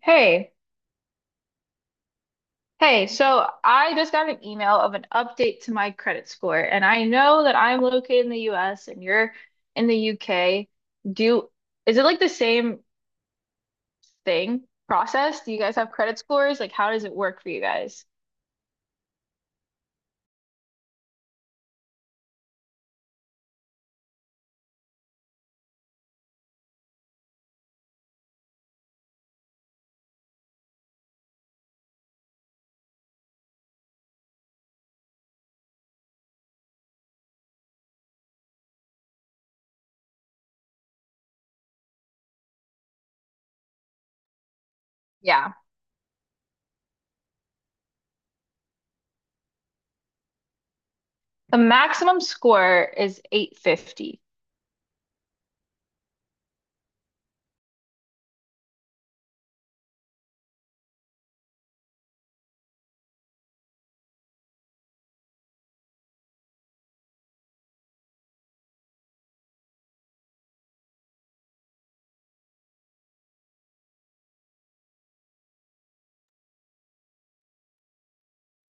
Hey, hey, so I just got an email of an update to my credit score, and I know that I'm located in the US and you're in the UK. Do, is it like the same thing process? Do you guys have credit scores? Like, how does it work for you guys? Yeah. The maximum score is 850.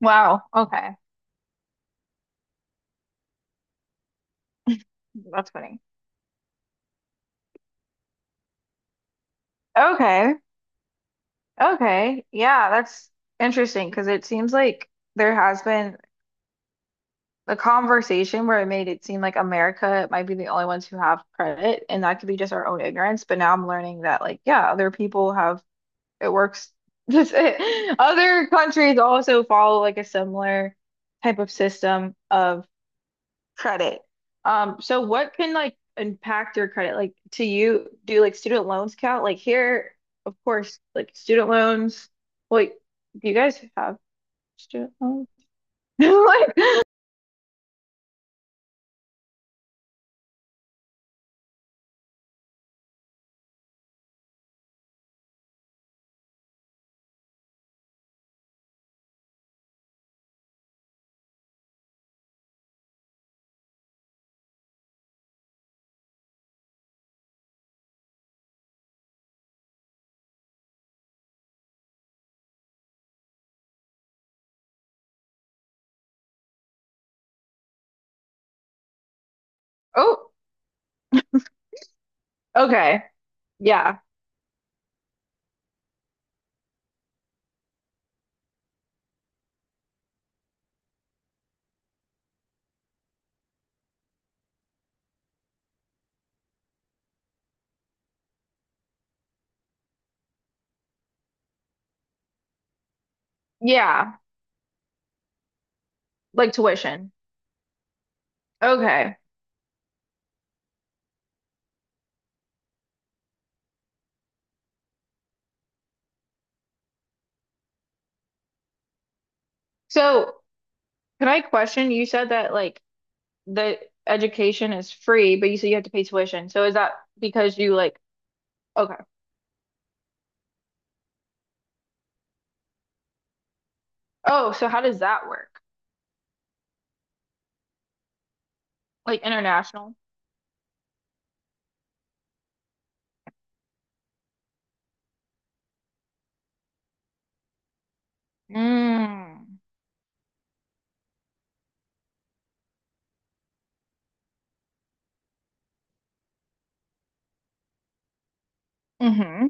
Wow. Okay. That's funny. Okay. Okay. Yeah, that's interesting because it seems like there has been the conversation where it made it seem like America might be the only ones who have credit, and that could be just our own ignorance. But now I'm learning that, like, yeah, other people have it works. Other countries also follow like a similar type of system of credit. So what can like impact your credit? Like, to you, do like student loans count? Like here, of course, like student loans. Like, do you guys have student loans? Like, oh, okay. Yeah. Yeah, like tuition. Okay. So, can I question? You said that like the education is free, but you said you have to pay tuition. So, is that because you like, okay. Oh, so how does that work? Like international? Mm. Mm-hmm.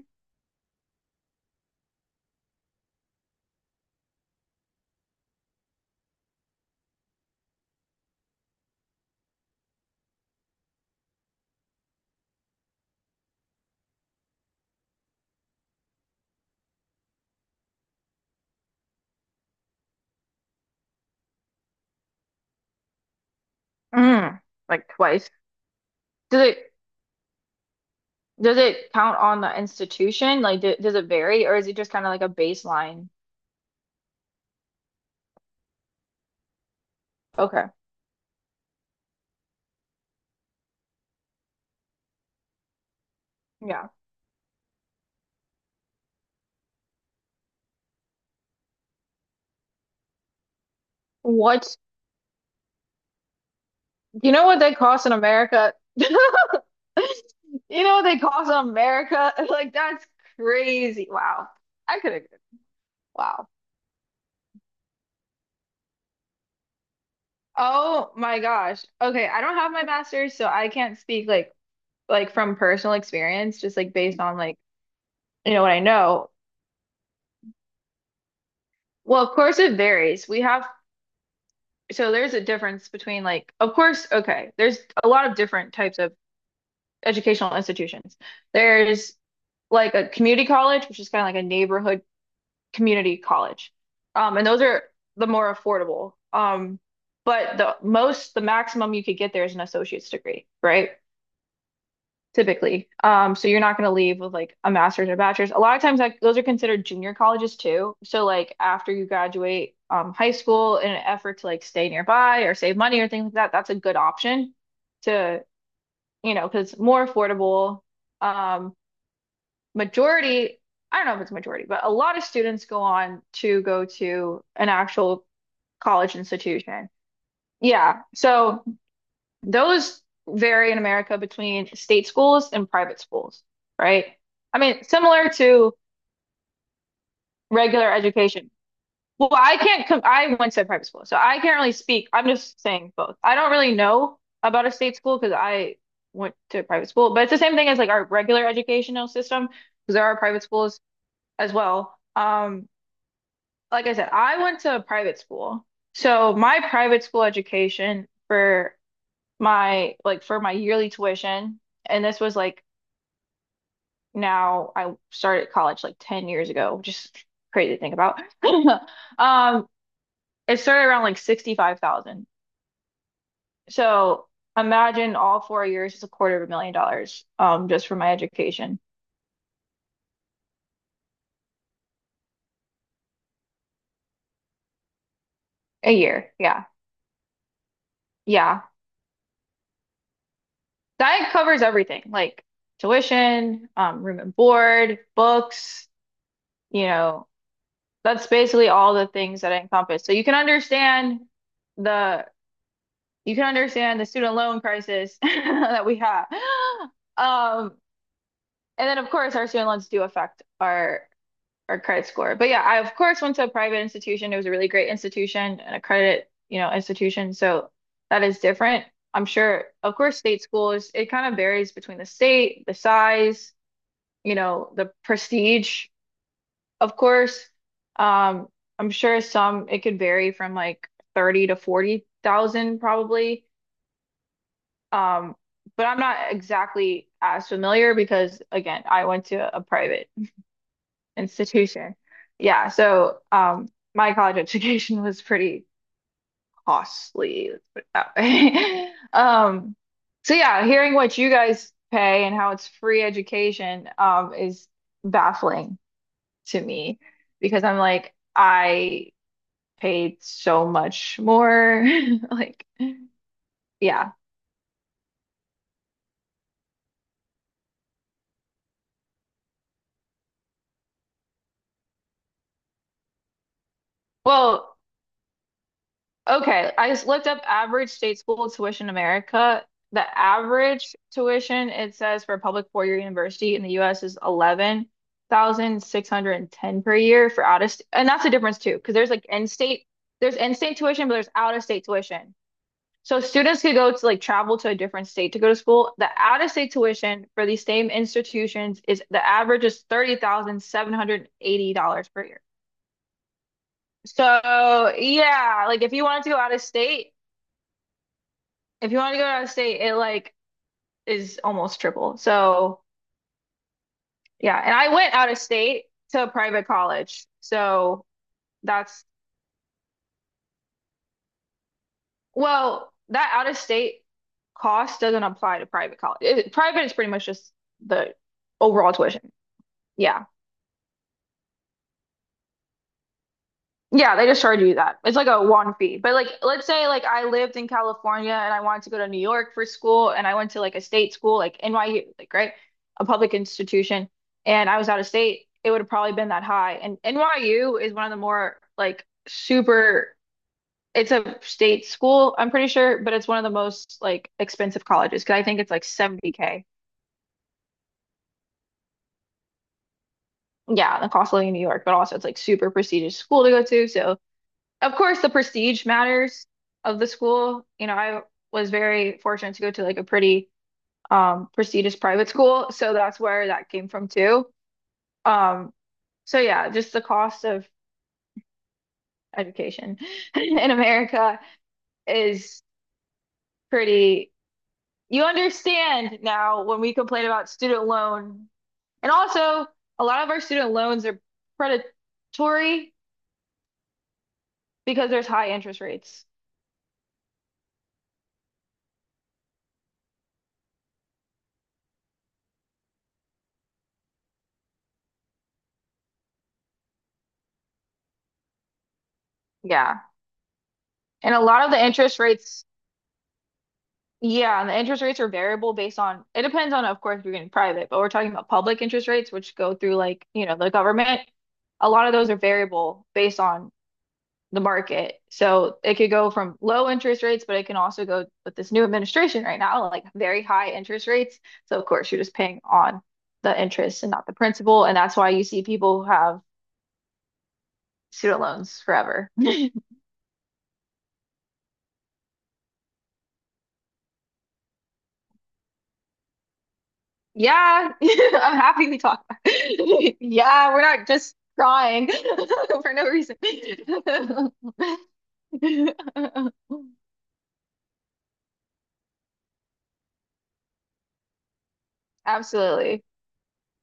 Mm. Like twice. Does it does it count on the institution? Like, d does it vary or is it just kind of like a baseline? Okay. Yeah. What You know what they cost in America? You know what they cost in America? Like that's crazy. Wow. I could have. Wow. Oh my gosh. Okay, I don't have my master's, so I can't speak like from personal experience, just like based on like you know what I know. Well, of course it varies. We have so there's a difference between like of course, okay, there's a lot of different types of educational institutions. There's like a community college, which is kind of like a neighborhood community college. And those are the more affordable. But the maximum you could get there is an associate's degree, right? Typically. So you're not going to leave with like a master's or a bachelor's. A lot of times, like those are considered junior colleges too. So like after you graduate high school, in an effort to like stay nearby or save money or things like that, that's a good option to, you know, because more affordable. Um, Majority, I don't know if it's majority, but a lot of students go on to go to an actual college institution. Yeah. So those vary in America between state schools and private schools, right? I mean, similar to regular education. Well, I can't com I went to a private school, so I can't really speak. I'm just saying both. I don't really know about a state school because I went to a private school, but it's the same thing as like our regular educational system because there are private schools as well. Like I said, I went to a private school. So my private school education for my like for my yearly tuition, and this was like now I started college like 10 years ago, which is crazy to think about. Um, it started around like 65,000. So imagine all 4 years is a quarter of $1 million just for my education a year. Yeah. Yeah. That covers everything like tuition, room and board, books you know. That's basically all the things that I encompass. So you can understand the you can understand the student loan crisis that we have. Um, and then of course our student loans do affect our credit score. But yeah, I of course went to a private institution. It was a really great institution and a credit, you know, institution. So that is different. I'm sure, of course, state schools, it kind of varies between the state, the size, you know, the prestige of course, um, I'm sure some it could vary from like 30 to 40,000 probably. Um, but I'm not exactly as familiar because again, I went to a private institution. Yeah, so my college education was pretty costly, let's put it that way. Um, so yeah, hearing what you guys pay and how it's free education is baffling to me because I'm like I paid so much more. Like, yeah. Well, okay. I just looked up average state school tuition in America. The average tuition, it says for a public four-year university in the US is 11,610 per year for out of st and that's the difference too, because there's like in-state, there's in-state tuition, but there's out-of-state tuition. So students could go to like travel to a different state to go to school. The out-of-state tuition for these same institutions is the average is $30,780 per year. So yeah, like if you wanted to go out of state, if you wanted to go out of state, it like is almost triple. So yeah, and I went out of state to a private college. So that's well, that out of state cost doesn't apply to private college. Private is pretty much just the overall tuition. Yeah. Yeah, they just charge you that. It's like a one fee. But like let's say like I lived in California and I wanted to go to New York for school and I went to like a state school like NYU like right? A public institution and I was out of state, it would have probably been that high. And NYU is one of the more like super it's a state school, I'm pretty sure, but it's one of the most like expensive colleges because I think it's like 70K. Yeah, the cost of living in New York, but also it's like super prestigious school to go to. So of course, the prestige matters of the school. You know, I was very fortunate to go to like a pretty prestigious private school, so that's where that came from too. Um, so yeah, just the cost of education in America is pretty. You understand now when we complain about student loan, and also a lot of our student loans are predatory because there's high interest rates. Yeah, and a lot of the interest rates Yeah, and the interest rates are variable based on, it depends on, of course, if you're getting private, but we're talking about public interest rates, which go through like, you know, the government. A lot of those are variable based on the market. So it could go from low interest rates, but it can also go with this new administration right now, like very high interest rates. So of course, you're just paying on the interest and not the principal. And that's why you see people who have student loans forever. Yeah, I'm happy we talked. Yeah, we're not just crying for no reason. Absolutely.